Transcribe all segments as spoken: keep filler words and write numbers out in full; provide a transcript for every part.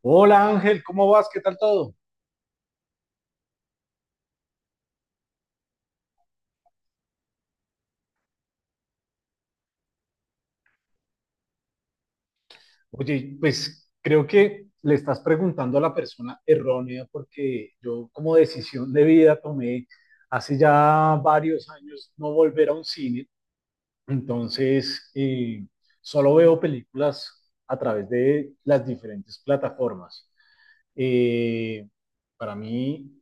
Hola Ángel, ¿cómo vas? ¿Qué tal todo? Oye, pues creo que le estás preguntando a la persona errónea porque yo, como decisión de vida, tomé hace ya varios años no volver a un cine, entonces eh, solo veo películas a través de las diferentes plataformas. Eh, para mí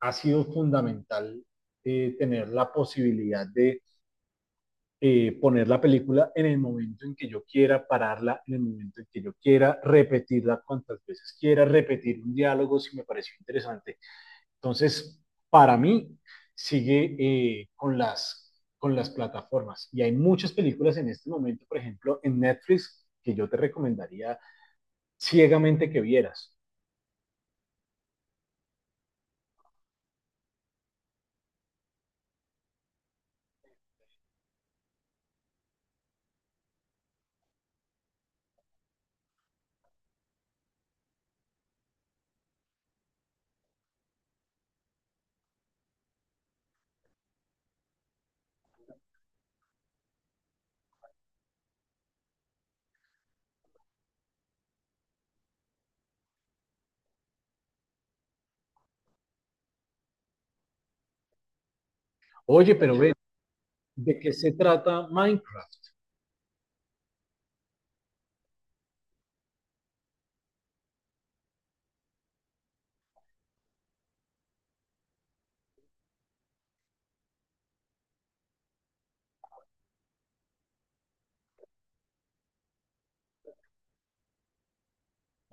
ha sido fundamental eh, tener la posibilidad de eh, poner la película en el momento en que yo quiera, pararla en el momento en que yo quiera, repetirla cuantas veces quiera, repetir un diálogo si me pareció interesante. Entonces, para mí, sigue eh, con, las, con las plataformas. Y hay muchas películas en este momento, por ejemplo, en Netflix, que yo te recomendaría ciegamente que vieras. Oye, pero ve, ¿de qué se trata Minecraft?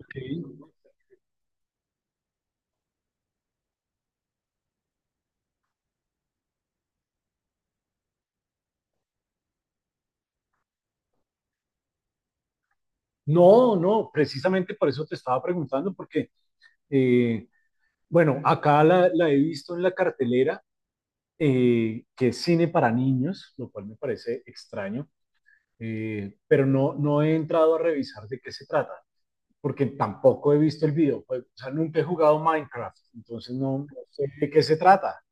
Okay. No, no, precisamente por eso te estaba preguntando, porque eh, Bueno, acá la, la he visto en la cartelera, eh, que es cine para niños, lo cual me parece extraño, eh, pero no, no he entrado a revisar de qué se trata, porque tampoco he visto el videojuego, o sea, nunca he jugado Minecraft, entonces no, no sé de qué se trata.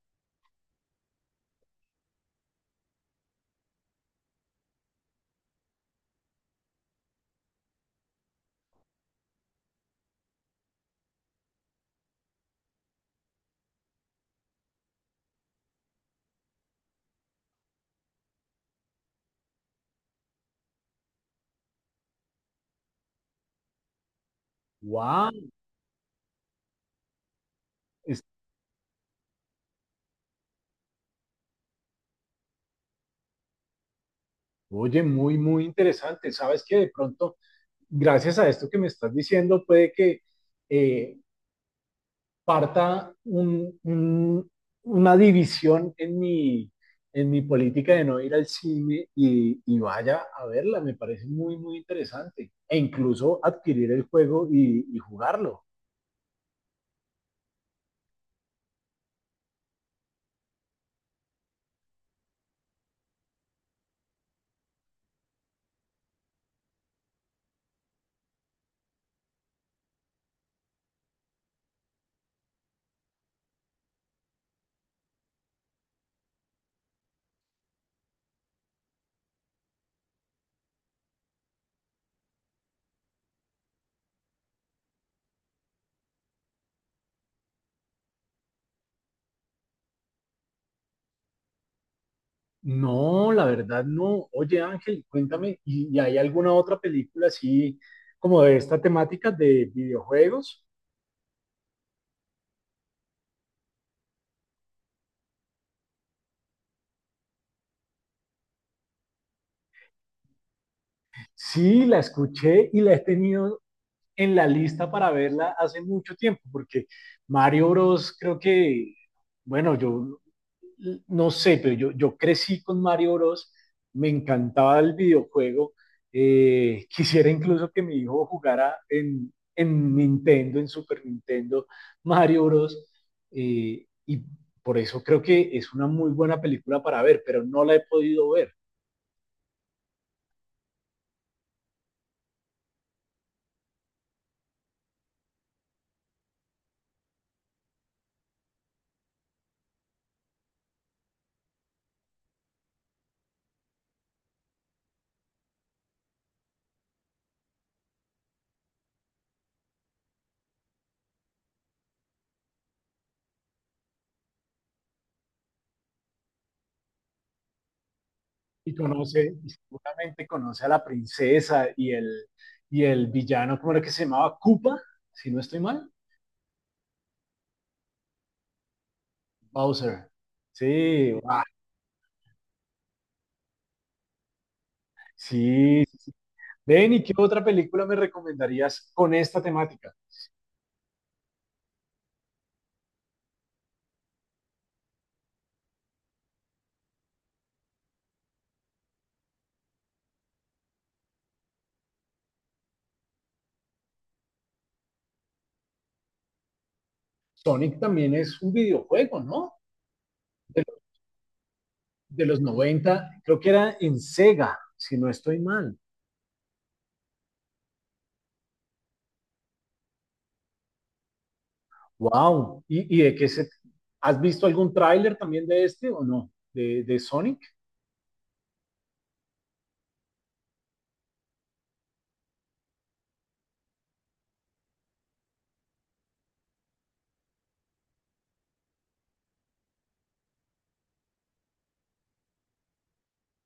¡Wow! Oye, muy, muy interesante. Sabes que de pronto, gracias a esto que me estás diciendo, puede que eh, parta un, un, una división en mi, en mi política de no ir al cine y, y, vaya a verla. Me parece muy, muy interesante. E incluso adquirir el juego y, y jugarlo. No, la verdad no. Oye Ángel, cuéntame, ¿y, y hay alguna otra película así como de esta temática de videojuegos? Sí, la escuché y la he tenido en la lista para verla hace mucho tiempo, porque Mario Bros. Creo que, bueno, yo no sé, pero yo, yo crecí con Mario Bros. Me encantaba el videojuego. Eh, quisiera incluso que mi hijo jugara en, en Nintendo, en Super Nintendo, Mario Bros. Eh, y por eso creo que es una muy buena película para ver, pero no la he podido ver. Y conoce, y seguramente conoce a la princesa y el, y el villano. ¿Cómo era que se llamaba? Koopa, si no estoy mal. Bowser. Sí, ah, sí. Ven, ¿y qué otra película me recomendarías con esta temática? Sonic también es un videojuego, ¿no? De, de los noventa creo que era, en Sega, si no estoy mal. Wow. ¿Y, y de qué se... ¿Has visto algún tráiler también de este o no? De, de Sonic.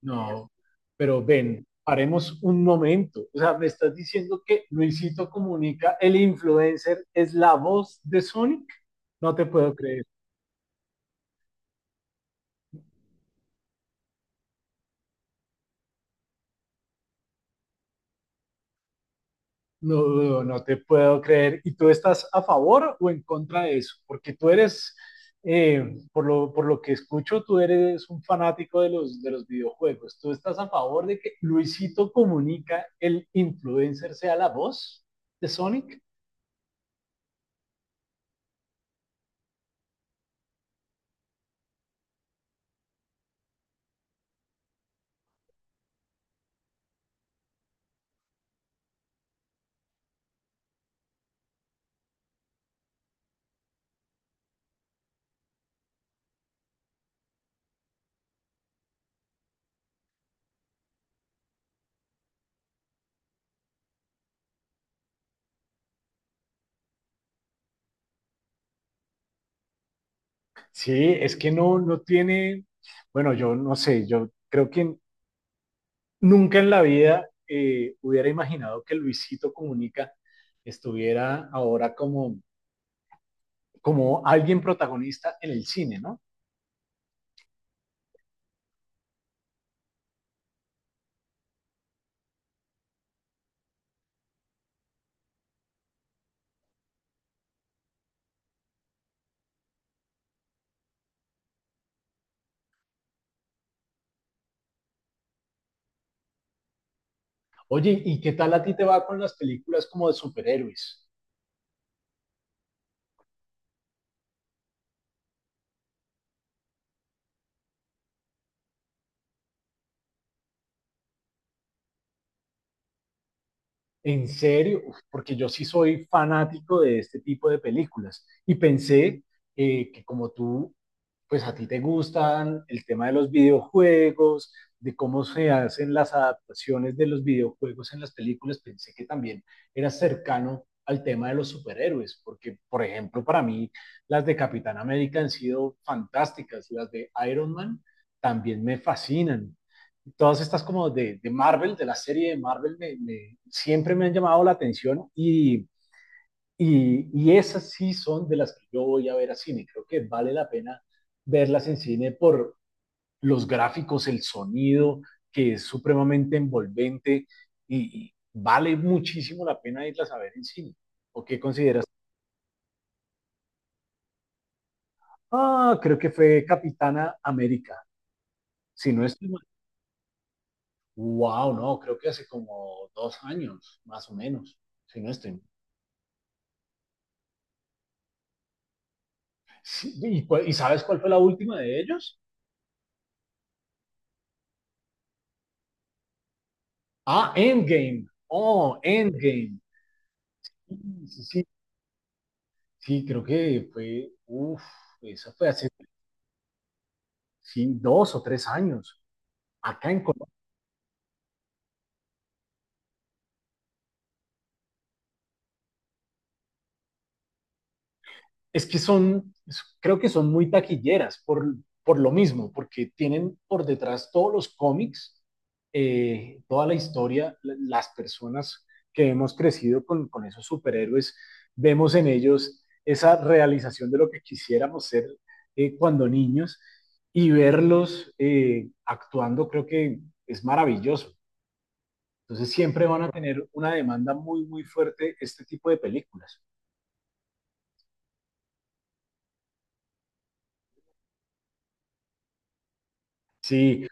No, pero ven, paremos un momento. O sea, me estás diciendo que Luisito Comunica, el influencer, es la voz de Sonic. No te puedo creer. No, no, no te puedo creer. ¿Y tú estás a favor o en contra de eso? Porque tú eres, eh, por lo, por lo que escucho, tú eres un fanático de los, de los videojuegos. ¿Tú estás a favor de que Luisito Comunica, el influencer, sea la voz de Sonic? Sí, es que no, no tiene, bueno, yo no sé, yo creo que nunca en la vida eh, hubiera imaginado que Luisito Comunica estuviera ahora como, como alguien protagonista en el cine, ¿no? Oye, ¿y qué tal a ti te va con las películas como de superhéroes? En serio, uf, porque yo sí soy fanático de este tipo de películas y pensé eh, que como tú, pues a ti te gustan el tema de los videojuegos, de cómo se hacen las adaptaciones de los videojuegos en las películas, pensé que también eras cercano al tema de los superhéroes, porque por ejemplo para mí las de Capitán América han sido fantásticas, las de Iron Man también me fascinan, todas estas como de, de Marvel, de la serie de Marvel, me, me- siempre me han llamado la atención y, y, y esas sí son de las que yo voy a ver a cine. Creo que vale la pena verlas en cine por los gráficos, el sonido, que es supremamente envolvente y, y vale muchísimo la pena irlas a ver en cine. ¿O qué consideras? Ah, creo que fue Capitana América. Si no estoy mal. Wow, no, creo que hace como dos años, más o menos, si no estoy mal. Sí, ¿Y, cu- Y sabes cuál fue la última de ellos? Ah, Endgame. Oh, Endgame. Sí, sí, sí. Sí, creo que fue, uff, eso fue hace, sí, dos o tres años. Acá en Colombia. Es que son, creo que son muy taquilleras por, por lo mismo, porque tienen por detrás todos los cómics, eh, toda la historia, la- las personas que hemos crecido con, con esos superhéroes, vemos en ellos esa realización de lo que quisiéramos ser eh, cuando niños, y verlos eh, actuando creo que es maravilloso. Entonces siempre van a tener una demanda muy, muy fuerte este tipo de películas. Sí.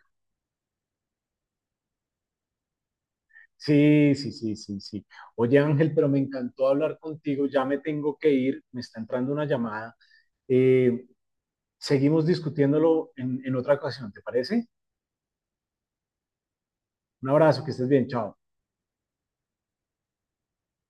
Sí, sí, sí, sí, sí. Oye, Ángel, pero me encantó hablar contigo. Ya me tengo que ir, me está entrando una llamada. Eh, Seguimos discutiéndolo en, en otra ocasión, ¿te parece? Un abrazo, que estés bien, chao.